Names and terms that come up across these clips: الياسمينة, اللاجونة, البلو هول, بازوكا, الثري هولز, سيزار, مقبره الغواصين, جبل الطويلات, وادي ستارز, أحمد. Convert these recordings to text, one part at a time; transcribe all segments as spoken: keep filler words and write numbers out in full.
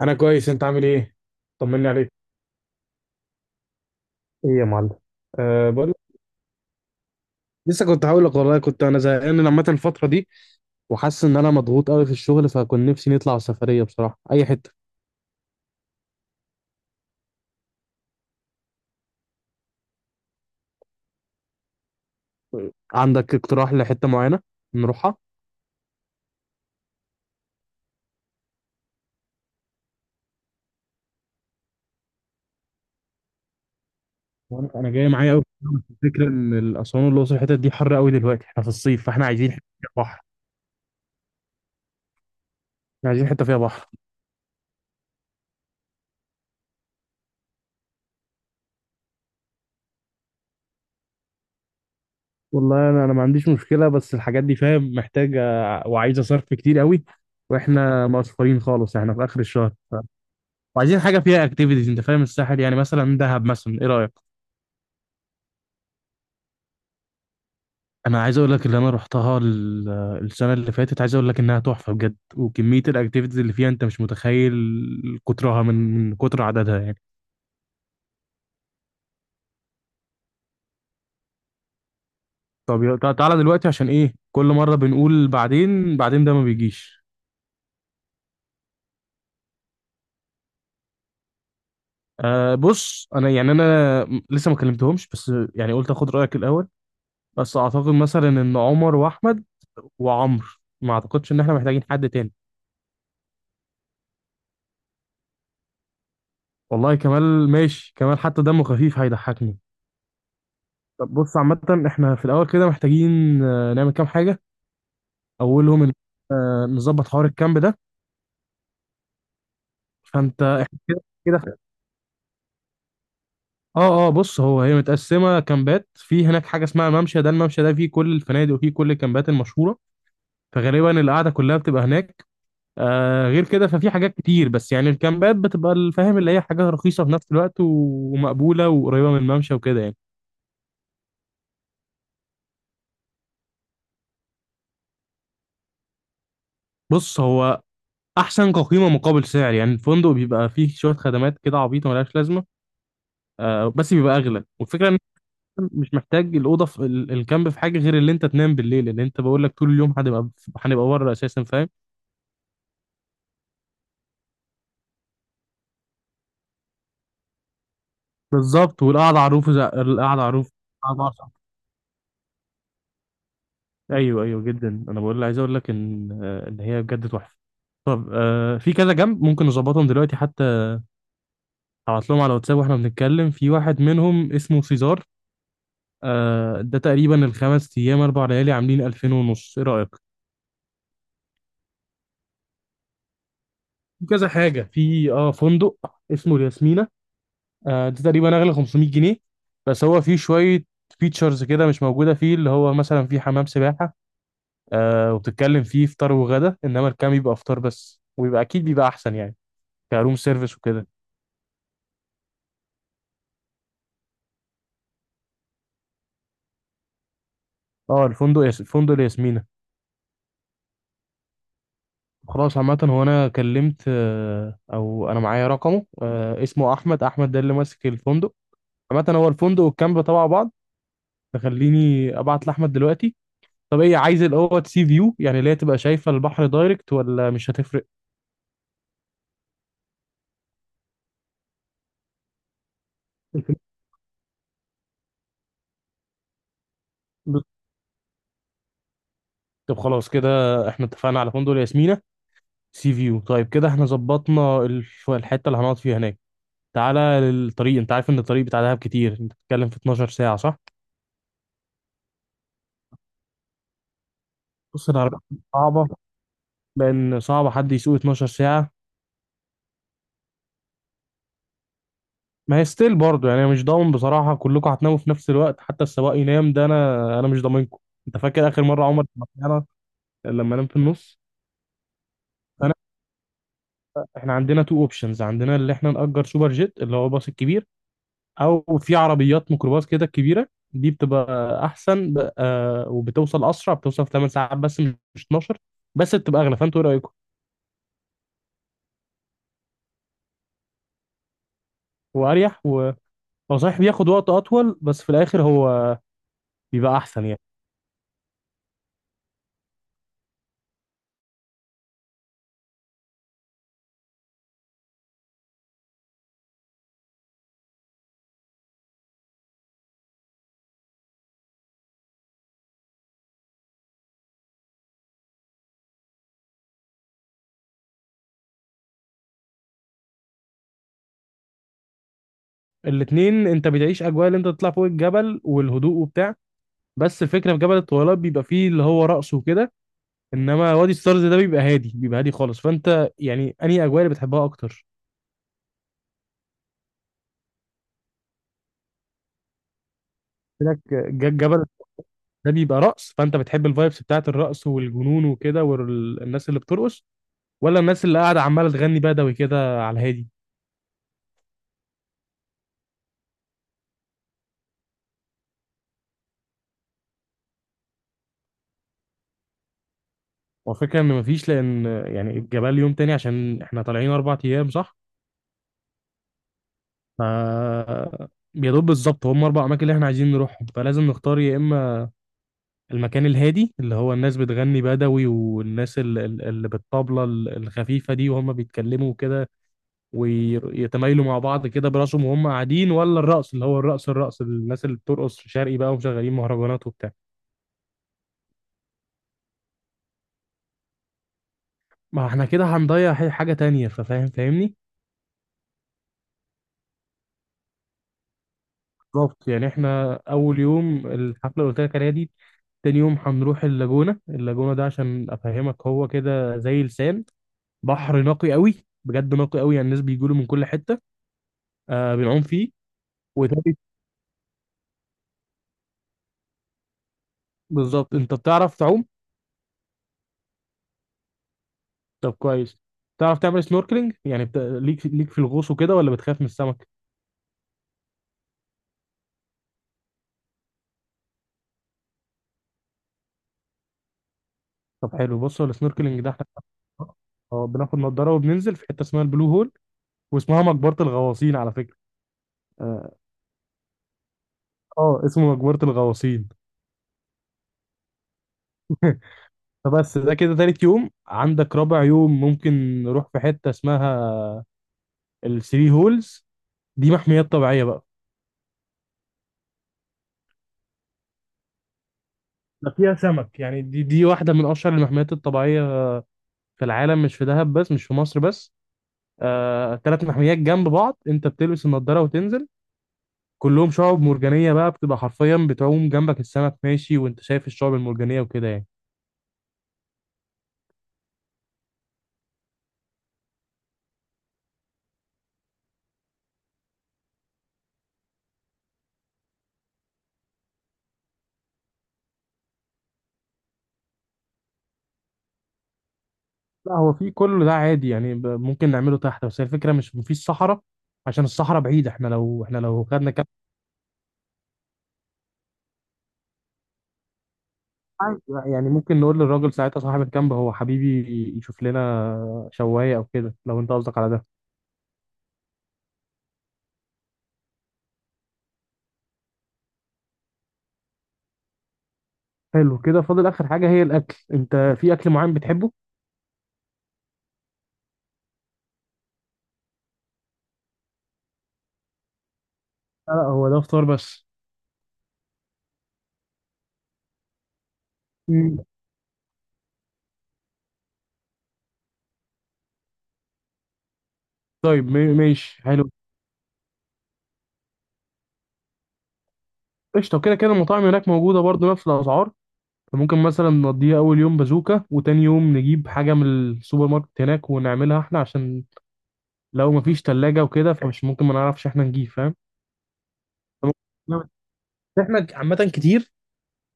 انا كويس، انت عامل ايه؟ طمني عليك. ايه يا معلم؟ أه، بقول لك. لسه كنت هقول لك، والله كنت انا زهقان لما الفتره دي، وحاسس ان انا مضغوط قوي في الشغل، فكنت نفسي نطلع سفريه بصراحه اي حته. عندك اقتراح لحته معينه نروحها؟ وانا انا جاي معايا قوي. الفكره ان الاسوان والاقصر الحتت دي حر قوي دلوقتي، احنا في الصيف فاحنا عايزين حته فيها بحر. احنا عايزين حته فيها بحر. والله انا انا ما عنديش مشكله، بس الحاجات دي فاهم محتاجه وعايزه صرف كتير قوي، واحنا مقصرين خالص احنا في اخر الشهر. وعايزين حاجه فيها اكتيفيتيز، انت فاهم الساحل، يعني مثلا دهب مثلا، ايه رايك؟ انا عايز اقول لك اللي انا رحتها ال- السنه اللي فاتت، عايز اقول لك انها تحفه بجد، وكميه الاكتيفيتيز اللي فيها انت مش متخيل كترها من من كتر عددها يعني. طب يلا- تع- تعالى دلوقتي، عشان ايه كل مره بنقول بعدين بعدين، ده ما بيجيش. أه بص، انا يعني انا م- لسه ما كلمتهمش، بس يعني قلت اخد رايك الاول، بس اعتقد مثلا ان عمر واحمد وعمرو، ما اعتقدش ان احنا محتاجين حد تاني. والله كمال ماشي، كمال حتى دمه خفيف هيضحكني. طب بص، عامة احنا في الأول كده محتاجين آه، نعمل كام حاجة. أولهم إن آه، نظبط حوار الكامب ده. فأنت احنا كده كده. اه اه بص، هو هي متقسمة كامبات، في هناك حاجة اسمها الممشى ده، الممشى ده فيه كل الفنادق وفيه كل الكامبات المشهورة، فغالبا القعدة كلها بتبقى هناك. آه غير كده ففي حاجات كتير، بس يعني الكامبات بتبقى الفاهم اللي هي حاجة رخيصة في نفس الوقت ومقبولة وقريبة من الممشى وكده يعني. بص هو احسن كقيمه مقابل سعر، يعني الفندق بيبقى فيه شويه خدمات كده عبيطه ملهاش لازمه. آه بس بيبقى اغلى، والفكره ان أنت مش محتاج الاوضه في ال- الكامب، في حاجه غير اللي انت تنام بالليل، اللي انت بقول لك طول اليوم هنبقى هنبقى بره اساسا فاهم. بالظبط، والقعده على الروف زي- القعده على الروف، قعدة على السطح. ايوه، ايوه جدا، انا بقول عايز اقول لك ان آه، ان هي بجد تحفه. طب آه في كذا جنب ممكن نظبطهم دلوقتي حتى، هبعت لهم على واتساب، واحنا بنتكلم في واحد منهم اسمه سيزار. آه ده تقريبا الخمس ايام اربع ليالي عاملين ألفين ونص، ايه رايك؟ في كذا حاجه، في اه فندق اسمه الياسمينه، آه ده تقريبا اغلى خمسمية جنيه، بس هو فيه شويه فيتشرز كده مش موجوده فيه، اللي هو مثلا فيه حمام سباحه. آه وبتتكلم فيه فطار وغدا، انما الكام يبقى فطار بس، ويبقى اكيد بيبقى احسن يعني، كروم سيرفيس وكده. اه، الفندق ياس... الفندق الياسمينه. خلاص، عامة هو أنا كلمت آه، أو أنا معايا رقمه، آه، اسمه أحمد، أحمد ده اللي ماسك الفندق، عامة هو الفندق والكامب تبع بعض، تخليني ابعت لاحمد دلوقتي. طب ايه، عايز الاوض سي فيو يعني اللي هي تبقى شايفه البحر دايركت، ولا مش هتفرق؟ طب خلاص، كده احنا اتفقنا على فندق ياسمينة سي فيو. طيب كده احنا ظبطنا الف- الحته اللي هنقعد فيها هناك. تعالى للطريق، انت عارف ان الطريق بتاع دهب كتير، انت بتتكلم في اتناشر ساعه، صح؟ بص العربيات صعبه، لان صعب حد يسوق اتناشر ساعه. ما هي ستيل برضه يعني، أنا مش ضامن بصراحه كلكم هتناموا في نفس الوقت حتى السواق ينام، ده انا انا مش ضامنكم. انت فاكر اخر مره عمر لما نام في النص؟ انا احنا عندنا تو اوبشنز، عندنا اللي احنا نأجر سوبر جيت اللي هو الباص الكبير، او في عربيات ميكروباص كده كبيره. دي بتبقى احسن ب... آه وبتوصل اسرع، بتوصل في ثماني ساعات بس، مش اتناشر، بس بتبقى اغلى، فانتوا ايه رايكم؟ واريح و... هو صحيح بياخد وقت اطول، بس في الاخر هو بيبقى احسن يعني. الاتنين انت بتعيش اجواء اللي انت تطلع فوق الجبل والهدوء وبتاع، بس الفكره في جبل الطويلات بيبقى فيه اللي هو رقص وكده، انما وادي ستارز ده بيبقى هادي، بيبقى هادي خالص، فانت يعني انهي اجواء اللي بتحبها اكتر؟ لك ج- جبل ده بيبقى رقص، فانت بتحب الفايبس بتاعت الرقص والجنون وكده والناس اللي بترقص، ولا الناس اللي قاعده عماله تغني بدوي كده على الهادي؟ والفكره ان مفيش، لان يعني الجبال يوم تاني، عشان احنا طالعين اربع ايام، صح؟ ف يا دوب بالظبط هم اربع اماكن اللي احنا عايزين نروحهم، فلازم نختار يا اما المكان الهادي اللي هو الناس بتغني بدوي والناس ال- ال- اللي بالطبلة ال- الخفيفة دي وهم بيتكلموا كده ويتمايلوا مع بعض كده براسهم وهم قاعدين، ولا الرقص اللي هو الرقص الرقص الناس اللي بترقص شرقي بقى ومشغلين مهرجانات وبتاع. ما احنا كده هنضيع ح- حاجة تانية، ففاهم فاهمني. بالظبط، يعني احنا اول يوم الحفلة اللي قلت لك عليها دي، تاني يوم هنروح اللاجونة، اللاجونة ده عشان افهمك هو كده زي لسان، بحر نقي قوي، بجد نقي قوي يعني، الناس بيجوا له من كل حتة. آه بنعوم فيه وتالت. بالظبط، انت بتعرف تعوم؟ طب كويس. تعرف تعمل سنوركلينج يعني بت... ليك ليك في الغوص وكده، ولا بتخاف من السمك؟ طب حلو، بص هو السنوركلينج ده احنا اه آه، بناخد نضاره وبننزل في حته اسمها البلو هول، واسمها مقبره الغواصين على فكره. اه آه، اسمه مقبره الغواصين. فبس ده كده تالت يوم، عندك رابع يوم ممكن نروح في حته اسمها الثري هولز، دي محميات طبيعيه بقى. ده فيها سمك يعني، دي دي واحده من اشهر المحميات الطبيعيه في العالم، مش في دهب بس، مش في مصر بس. آه، تلات محميات جنب بعض، انت بتلبس النضاره وتنزل، كلهم شعب مرجانية بقى، بتبقى حرفيا بتعوم جنبك السمك ماشي وانت شايف الشعب المرجانية وكده يعني. لا، هو في كل ده عادي يعني، ب- ممكن نعمله تحت، بس هي الفكرة مش مفيش صحراء، عشان الصحراء بعيدة، احنا لو احنا لو خدنا كامب عادي، بقى، يعني ممكن نقول للراجل ساعتها صاحب الكامب هو حبيبي يشوف لنا شواية او كده، لو انت قصدك على ده. حلو كده، فاضل اخر حاجة هي الاكل، انت في اكل معين بتحبه؟ لا لا، هو ده فطار بس. مم. طيب ما- ماشي حلو، قشطة. كده كده المطاعم هناك موجودة برضو نفس الأسعار، فممكن مثلا نقضيها اول يوم بازوكا، وتاني يوم نجيب حاجه من السوبر ماركت هناك ونعملها احنا، عشان لو مفيش تلاجة وكده فمش ممكن، ما نعرفش احنا نجيب، فاهم. فممكن نعمل- احنا عامه كتير،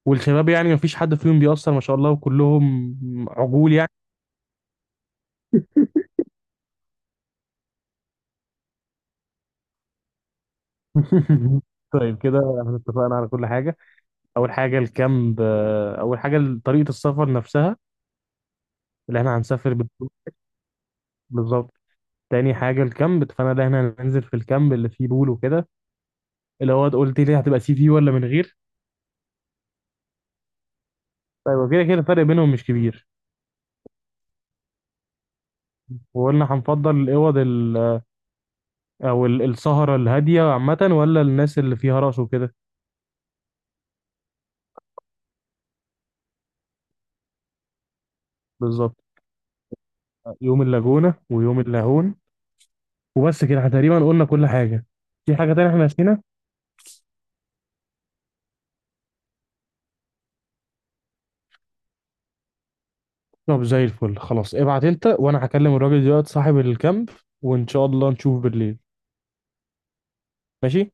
والشباب يعني مفيش حد فيهم بيأثر ما شاء الله، وكلهم عجول يعني. طيب كده احنا اتفقنا على كل حاجة. أول حاجة الكامب، آه، أول حاجة طريقة السفر نفسها اللي احنا هنسافر بال- بالظبط. تاني حاجة الكامب، فأنا ده احنا هننزل في الكامب اللي فيه بول وكده، اللي هو قلت لي هتبقى سي في ولا من غير؟ طيب وكده كده الفرق بينهم مش كبير. وقلنا هنفضل الاوض ال- او ال- السهره الهاديه عامه، ولا الناس اللي فيها رقص وكده. بالظبط. يوم اللاجونه ويوم اللاهون، وبس كده احنا تقريبا قلنا كل حاجه. في حاجه تانية احنا نسينا؟ طب زي الفل خلاص، ابعت انت، وانا هكلم الراجل دلوقتي صاحب الكامب، وان شاء الله نشوف بالليل. ماشي.